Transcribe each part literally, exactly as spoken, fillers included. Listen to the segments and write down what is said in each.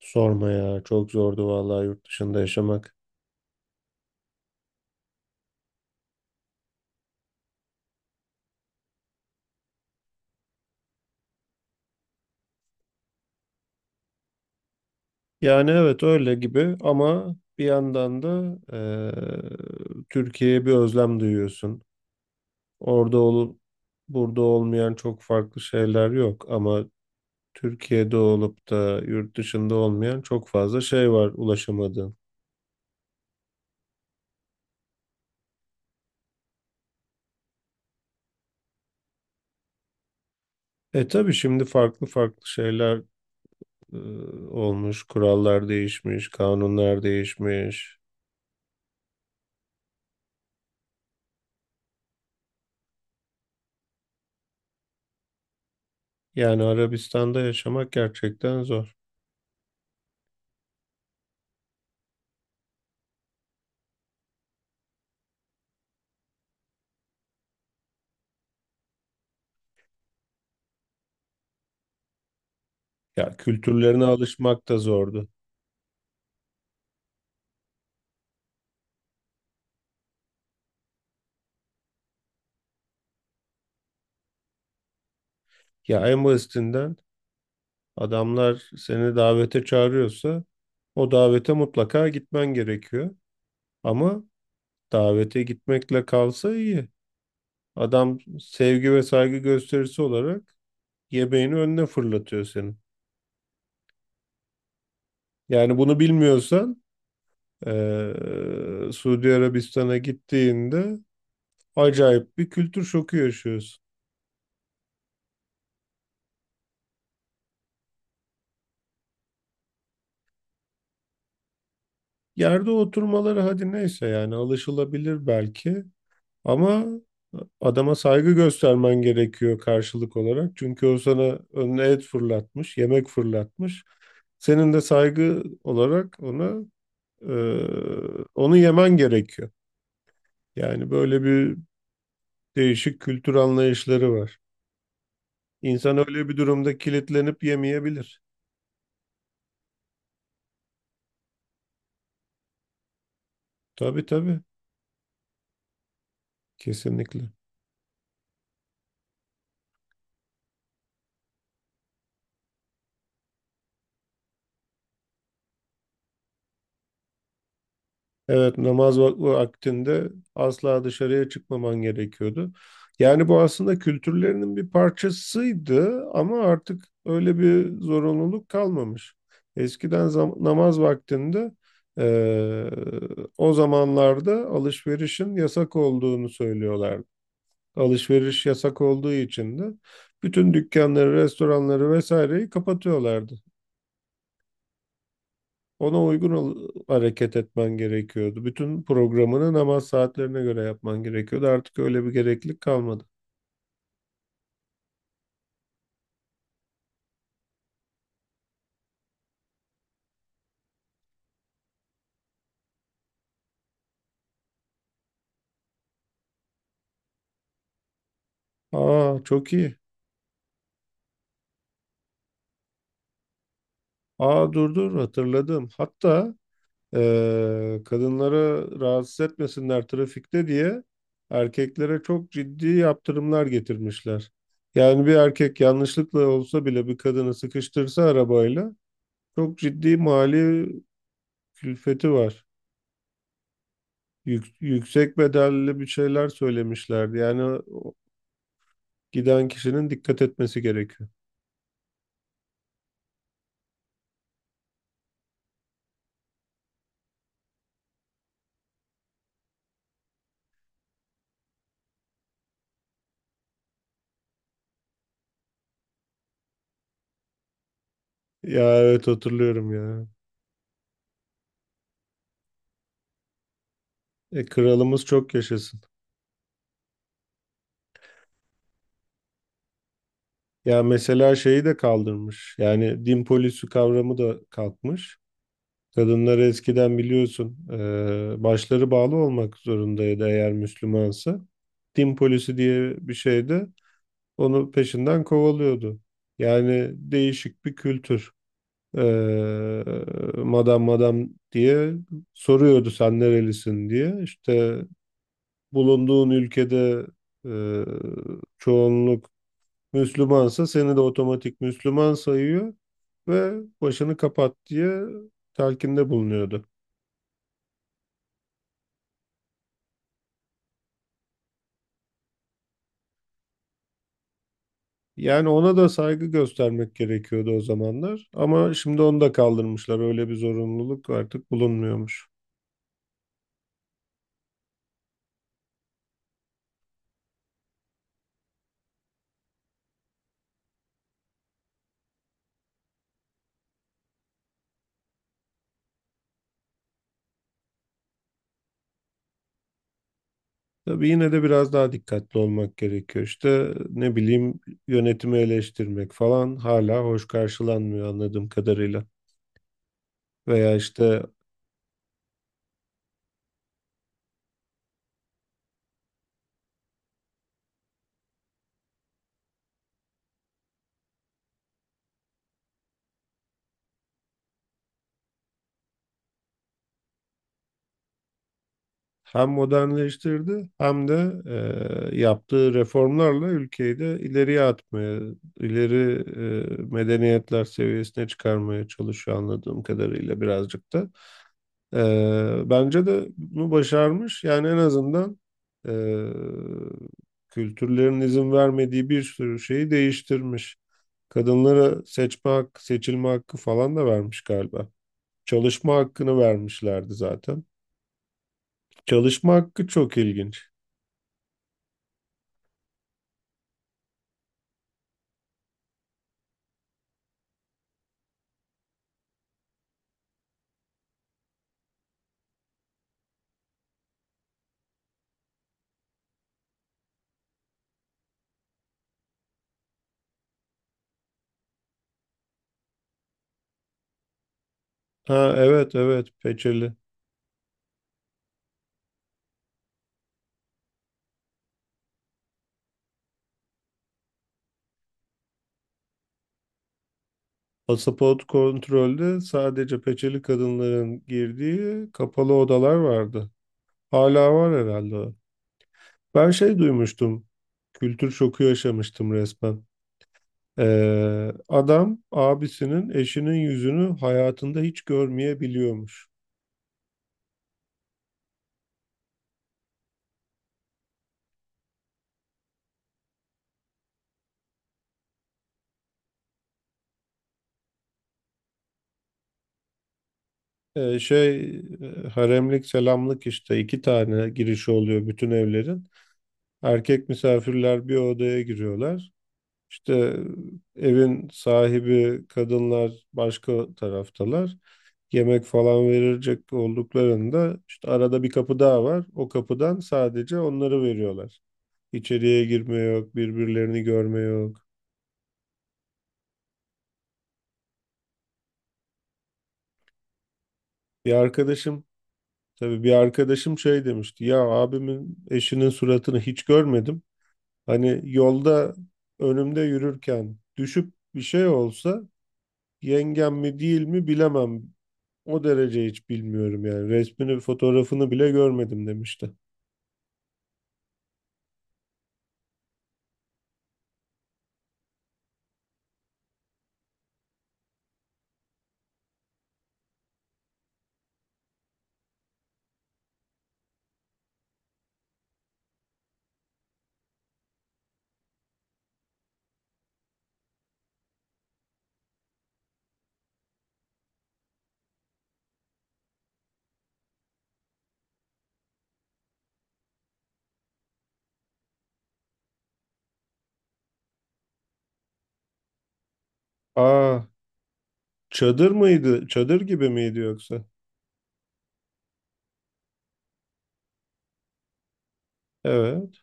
Sorma ya, çok zordu vallahi yurt dışında yaşamak. Yani evet, öyle gibi ama bir yandan da eee, Türkiye'ye bir özlem duyuyorsun. Orada olup burada olmayan çok farklı şeyler yok ama Türkiye'de olup da yurt dışında olmayan çok fazla şey var ulaşamadığın. E tabii şimdi farklı farklı şeyler eee, olmuş, kurallar değişmiş, kanunlar değişmiş. Yani Arabistan'da yaşamak gerçekten zor. Ya kültürlerine alışmak da zordu. Ya en basitinden adamlar seni davete çağırıyorsa o davete mutlaka gitmen gerekiyor. Ama davete gitmekle kalsa iyi. Adam sevgi ve saygı gösterisi olarak yemeğini önüne fırlatıyor senin. Yani bunu bilmiyorsan eee, Suudi Arabistan'a gittiğinde acayip bir kültür şoku yaşıyorsun. Yerde oturmaları hadi neyse, yani alışılabilir belki. Ama adama saygı göstermen gerekiyor karşılık olarak. Çünkü o sana önüne et fırlatmış, yemek fırlatmış. Senin de saygı olarak ona e, onu yemen gerekiyor. Yani böyle bir değişik kültür anlayışları var. İnsan öyle bir durumda kilitlenip yemeyebilir. Tabii tabii, kesinlikle. Evet, namaz vakti aktinde asla dışarıya çıkmaman gerekiyordu. Yani bu aslında kültürlerinin bir parçasıydı ama artık öyle bir zorunluluk kalmamış. Eskiden zam- namaz vaktinde eee, o zamanlarda alışverişin yasak olduğunu söylüyorlardı. Alışveriş yasak olduğu için de bütün dükkanları, restoranları vesaireyi kapatıyorlardı. Ona uygun ol- hareket etmen gerekiyordu. Bütün programını namaz saatlerine göre yapman gerekiyordu. Artık öyle bir gereklilik kalmadı. Aa çok iyi. Aa, dur dur, hatırladım. Hatta eee, kadınları rahatsız etmesinler trafikte diye erkeklere çok ciddi yaptırımlar getirmişler. Yani bir erkek yanlışlıkla olsa bile bir kadını sıkıştırsa arabayla çok ciddi mali külfeti var. Yük- yüksek bedelli bir şeyler söylemişlerdi. Yani giden kişinin dikkat etmesi gerekiyor. Ya evet, hatırlıyorum ya. E, kralımız çok yaşasın. Ya mesela şeyi de kaldırmış. Yani din polisi kavramı da kalkmış. Kadınlar eskiden biliyorsun e, başları bağlı olmak zorundaydı eğer Müslümansa. Din polisi diye bir şeydi, onu peşinden kovalıyordu. Yani değişik bir kültür. E, Madam madam diye soruyordu, sen nerelisin diye. İşte bulunduğun ülkede e, çoğunluk Müslümansa seni de otomatik Müslüman sayıyor ve başını kapat diye telkinde bulunuyordu. Yani ona da saygı göstermek gerekiyordu o zamanlar ama şimdi onu da kaldırmışlar. Öyle bir zorunluluk artık bulunmuyormuş. Tabii yine de biraz daha dikkatli olmak gerekiyor. İşte ne bileyim, yönetimi eleştirmek falan hala hoş karşılanmıyor anladığım kadarıyla. Veya işte hem modernleştirdi hem de e, yaptığı reformlarla ülkeyi de ileriye atmaya, ileri e, medeniyetler seviyesine çıkarmaya çalışıyor anladığım kadarıyla birazcık da. E, bence de bunu başarmış. Yani en azından e, kültürlerin izin vermediği bir sürü şeyi değiştirmiş. Kadınlara seçme hakkı, seçilme hakkı falan da vermiş galiba. Çalışma hakkını vermişlerdi zaten. Çalışma hakkı çok ilginç. Ha evet evet, peçeli. Pasaport kontrolde sadece peçeli kadınların girdiği kapalı odalar vardı. Hala var herhalde, o. Ben şey duymuştum. Kültür şoku yaşamıştım resmen. Ee, adam abisinin eşinin yüzünü hayatında hiç görmeyebiliyormuş. Ee, şey e, Haremlik selamlık işte iki tane girişi oluyor bütün evlerin. Erkek misafirler bir odaya giriyorlar. İşte e, evin sahibi kadınlar başka taraftalar. Yemek falan verilecek olduklarında işte arada bir kapı daha var. O kapıdan sadece onları veriyorlar. İçeriye girme yok, birbirlerini görme yok. Bir arkadaşım Tabii bir arkadaşım şey demişti. Ya abimin eşinin suratını hiç görmedim. Hani yolda önümde yürürken düşüp bir şey olsa yengem mi değil mi bilemem. O derece hiç bilmiyorum yani. Resmini, fotoğrafını bile görmedim demişti. Aa, çadır mıydı? Çadır gibi miydi yoksa? Evet.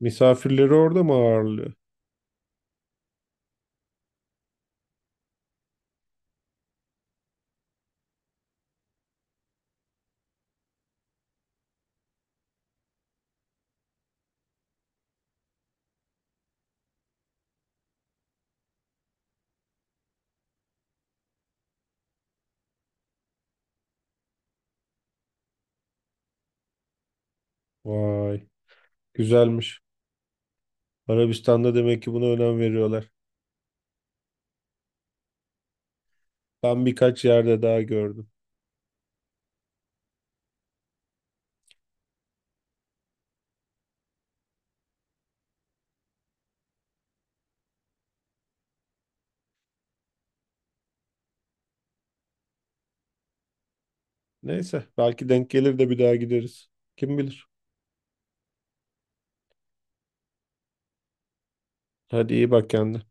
Misafirleri orada mı ağırlıyor? Vay, güzelmiş. Arabistan'da demek ki buna önem veriyorlar. Ben birkaç yerde daha gördüm. Neyse, belki denk gelir de bir daha gideriz. Kim bilir. Hadi iyi bak kendine.